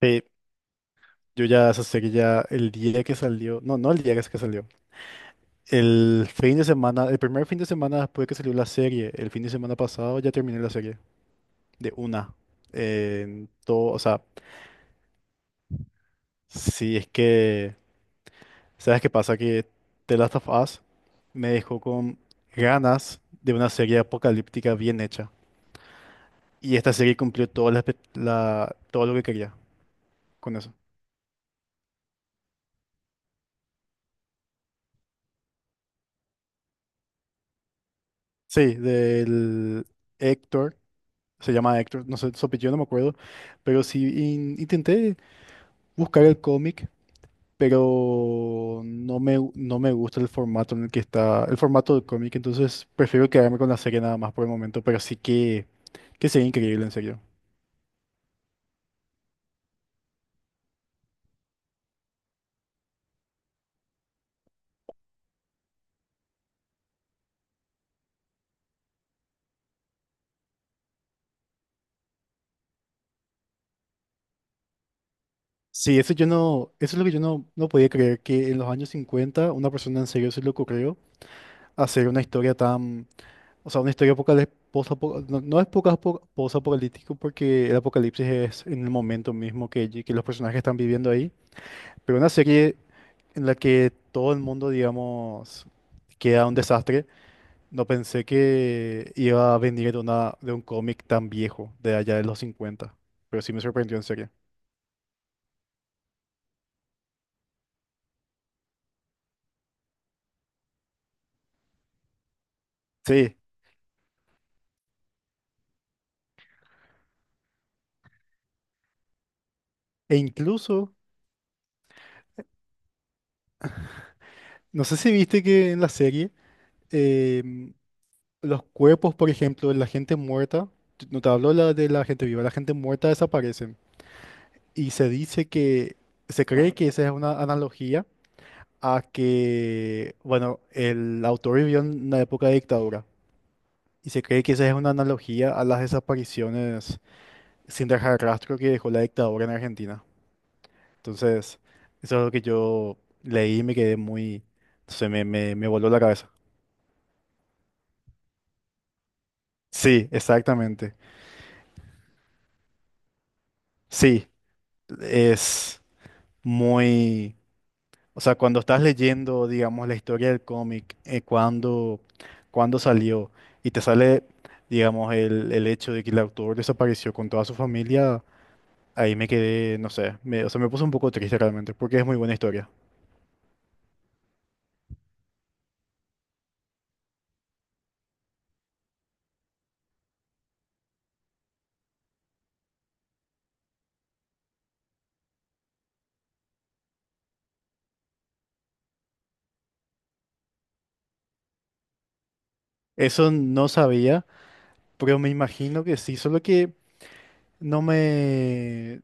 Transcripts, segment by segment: Sí, yo ya sé que ya el día que salió, no, no el día que salió, el fin de semana, el primer fin de semana después que salió la serie, el fin de semana pasado ya terminé la serie de una. En todo, o sea, si es que, ¿sabes qué pasa? Que The Last of Us me dejó con ganas de una serie apocalíptica bien hecha. Y esta serie cumplió todo, todo lo que quería con eso. Sí, del Héctor. Se llama Hector, no sé, Sopelló, no me acuerdo, pero sí intenté buscar el cómic, pero no me gusta el formato en el que está, el formato del cómic, entonces prefiero quedarme con la serie nada más por el momento, pero sí que sería increíble, en serio. Sí, eso es lo que yo no, no podía creer, que en los años 50 una persona en serio se le ocurrió hacer una historia tan, o sea, una historia apocalíptica, no, no es post-apocalíptico porque el apocalipsis es en el momento mismo que los personajes están viviendo ahí. Pero una serie en la que todo el mundo, digamos, queda un desastre. No pensé que iba a venir de una, de un cómic tan viejo, de allá de los 50. Pero sí me sorprendió en serio. Sí. E incluso, no sé si viste que en la serie, em, los cuerpos, por ejemplo, de la gente muerta, no te hablo la de la gente viva, la gente muerta desaparecen. Y se cree que esa es una analogía a que, bueno, el autor vivió en una época de dictadura y se cree que esa es una analogía a las desapariciones sin dejar rastro que dejó la dictadura en Argentina. Entonces, eso es lo que yo leí y me quedé muy, no sé, me voló la cabeza. Sí, exactamente. Sí, es muy... O sea, cuando estás leyendo, digamos, la historia del cómic, cuando salió y te sale, digamos, el hecho de que el autor desapareció con toda su familia, ahí me quedé, no sé, o sea, me puse un poco triste realmente, porque es muy buena historia. Eso no sabía, pero me imagino que sí, solo que no me,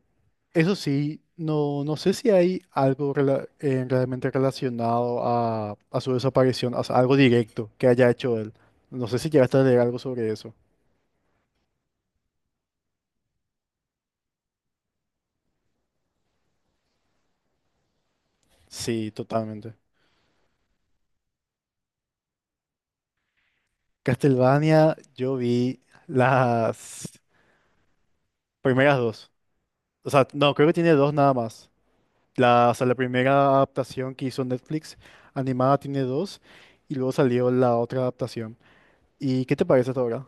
eso sí, no, no sé si hay algo realmente relacionado a su desaparición, o sea, algo directo que haya hecho él. No sé si llegaste a leer algo sobre eso. Sí, totalmente. Castlevania, yo vi las primeras dos. O sea, no, creo que tiene dos nada más. La, o sea, la primera adaptación que hizo Netflix animada tiene dos y luego salió la otra adaptación. ¿Y qué te parece hasta ahora?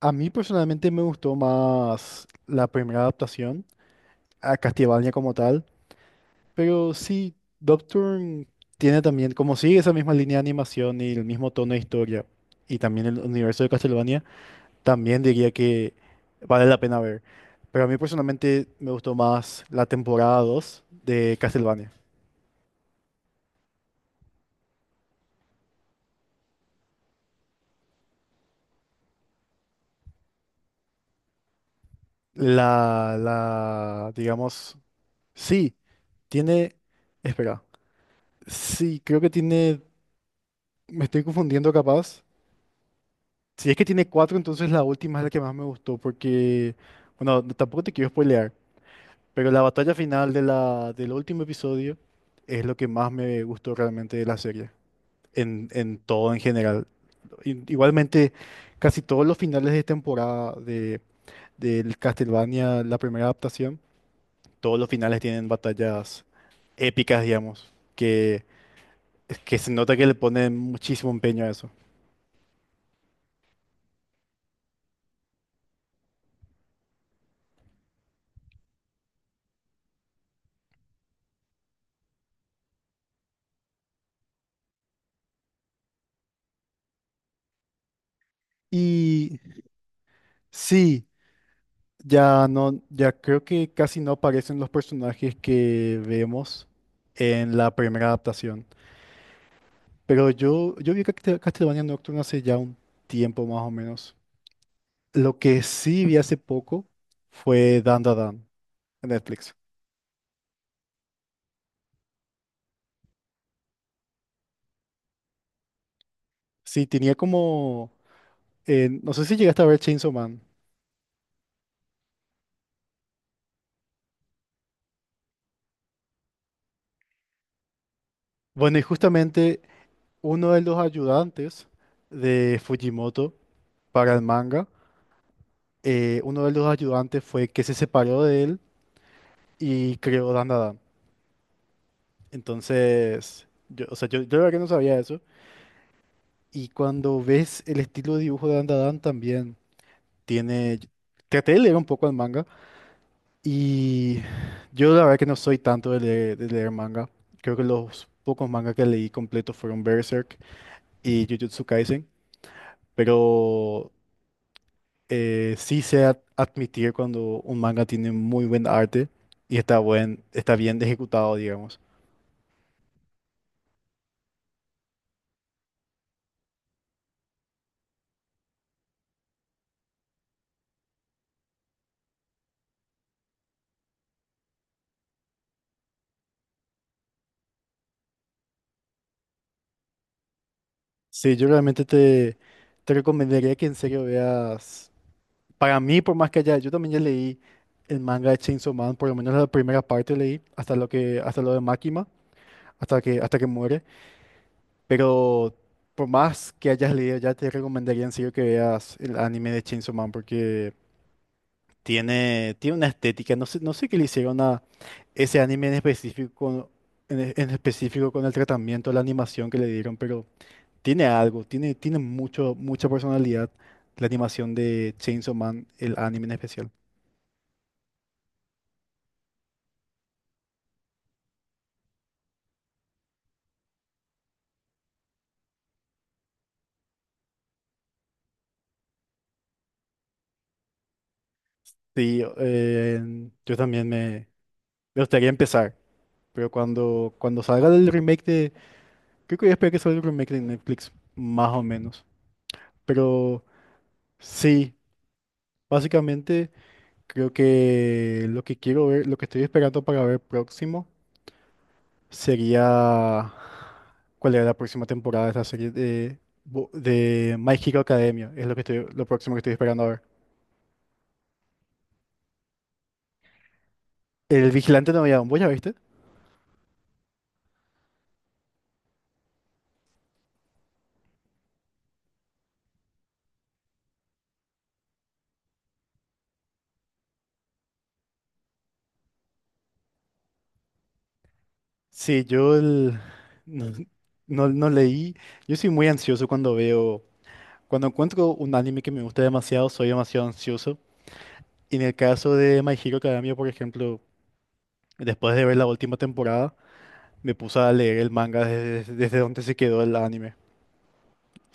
A mí personalmente me gustó más la primera adaptación a Castlevania como tal, pero sí, Nocturne tiene también, como sigue esa misma línea de animación y el mismo tono de historia, y también el universo de Castlevania, también diría que vale la pena ver. Pero a mí personalmente me gustó más la temporada dos de Castlevania. Digamos, sí, tiene, espera, sí, creo que tiene, me estoy confundiendo capaz, si es que tiene cuatro, entonces la última es la que más me gustó, porque, bueno, no- tampoco te quiero spoilear, pero la batalla final de del último episodio es lo que más me gustó realmente de la serie, en todo en general. Igualmente, casi todos los finales de temporada del Castlevania, la primera adaptación, todos los finales tienen batallas épicas, digamos, que se nota que le ponen muchísimo empeño a eso. Y sí. Ya no, ya creo que casi no aparecen los personajes que vemos en la primera adaptación. Pero yo vi Castlevania Nocturne hace ya un tiempo más o menos. Lo que sí vi hace poco fue Dandadan en Netflix. Sí, tenía como, no sé si llegaste a ver Chainsaw Man. Bueno, y justamente uno de los ayudantes de Fujimoto para el manga, uno de los ayudantes fue que se separó de él y creó Dandadan. Entonces, yo, o sea, yo la verdad que no sabía eso. Y cuando ves el estilo de dibujo de Dandadan también tiene... Traté de leer un poco el manga y yo la verdad que no soy tanto de leer manga. Creo que los pocos mangas que leí completos fueron Berserk y Jujutsu Kaisen. Pero sí sé admitir cuando un manga tiene muy buen arte y está, buen, está bien ejecutado, digamos. Sí, yo realmente te recomendaría que en serio veas. Para mí, por más que haya, yo también ya leí el manga de Chainsaw Man, por lo menos la primera parte leí, hasta lo hasta lo de Makima, hasta hasta que muere. Pero por más que hayas leído, ya te recomendaría en serio que veas el anime de Chainsaw Man, porque tiene, tiene una estética. No sé, no sé qué le hicieron a ese anime en específico, en específico con el tratamiento, la animación que le dieron, pero tiene algo, tiene mucho, mucha personalidad la animación de Chainsaw Man, el anime en especial. Sí, yo también me gustaría empezar, pero cuando salga el remake de... Creo que voy a esperar que salga el remake de Netflix, más o menos. Pero sí, básicamente creo que lo que quiero ver, lo que estoy esperando para ver próximo sería... ¿Cuál era la próxima temporada de esta serie de My Hero Academia? Es lo que estoy, lo próximo que estoy esperando a ver. El Vigilante Novedad, ¿vos ya viste? Sí, no, no, no leí. Yo soy muy ansioso cuando veo, cuando encuentro un anime que me gusta demasiado, soy demasiado ansioso. Y en el caso de My Hero Academia, por ejemplo, después de ver la última temporada, me puse a leer el manga desde donde se quedó el anime.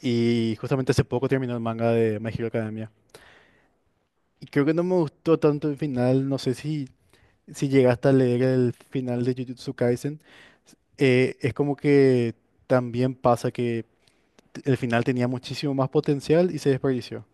Y justamente hace poco terminó el manga de My Hero Academia. Y creo que no me gustó tanto el final, no sé si, si llegaste a leer el final de Jujutsu Kaisen. Es como que también pasa el final tenía muchísimo más potencial y se desperdició.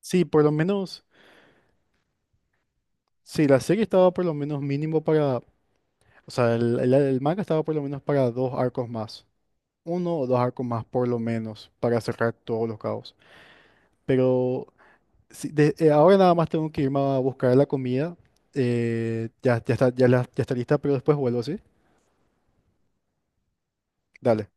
Sí, por lo menos, sí, la serie estaba por lo menos mínimo para, o sea, el manga estaba por lo menos para dos arcos más, uno o dos arcos más por lo menos, para cerrar todos los cabos. Pero sí, de- ahora nada más tengo que irme a buscar la comida, ya, ya está, ya, la- ya está lista, pero después vuelvo, ¿sí? Dale.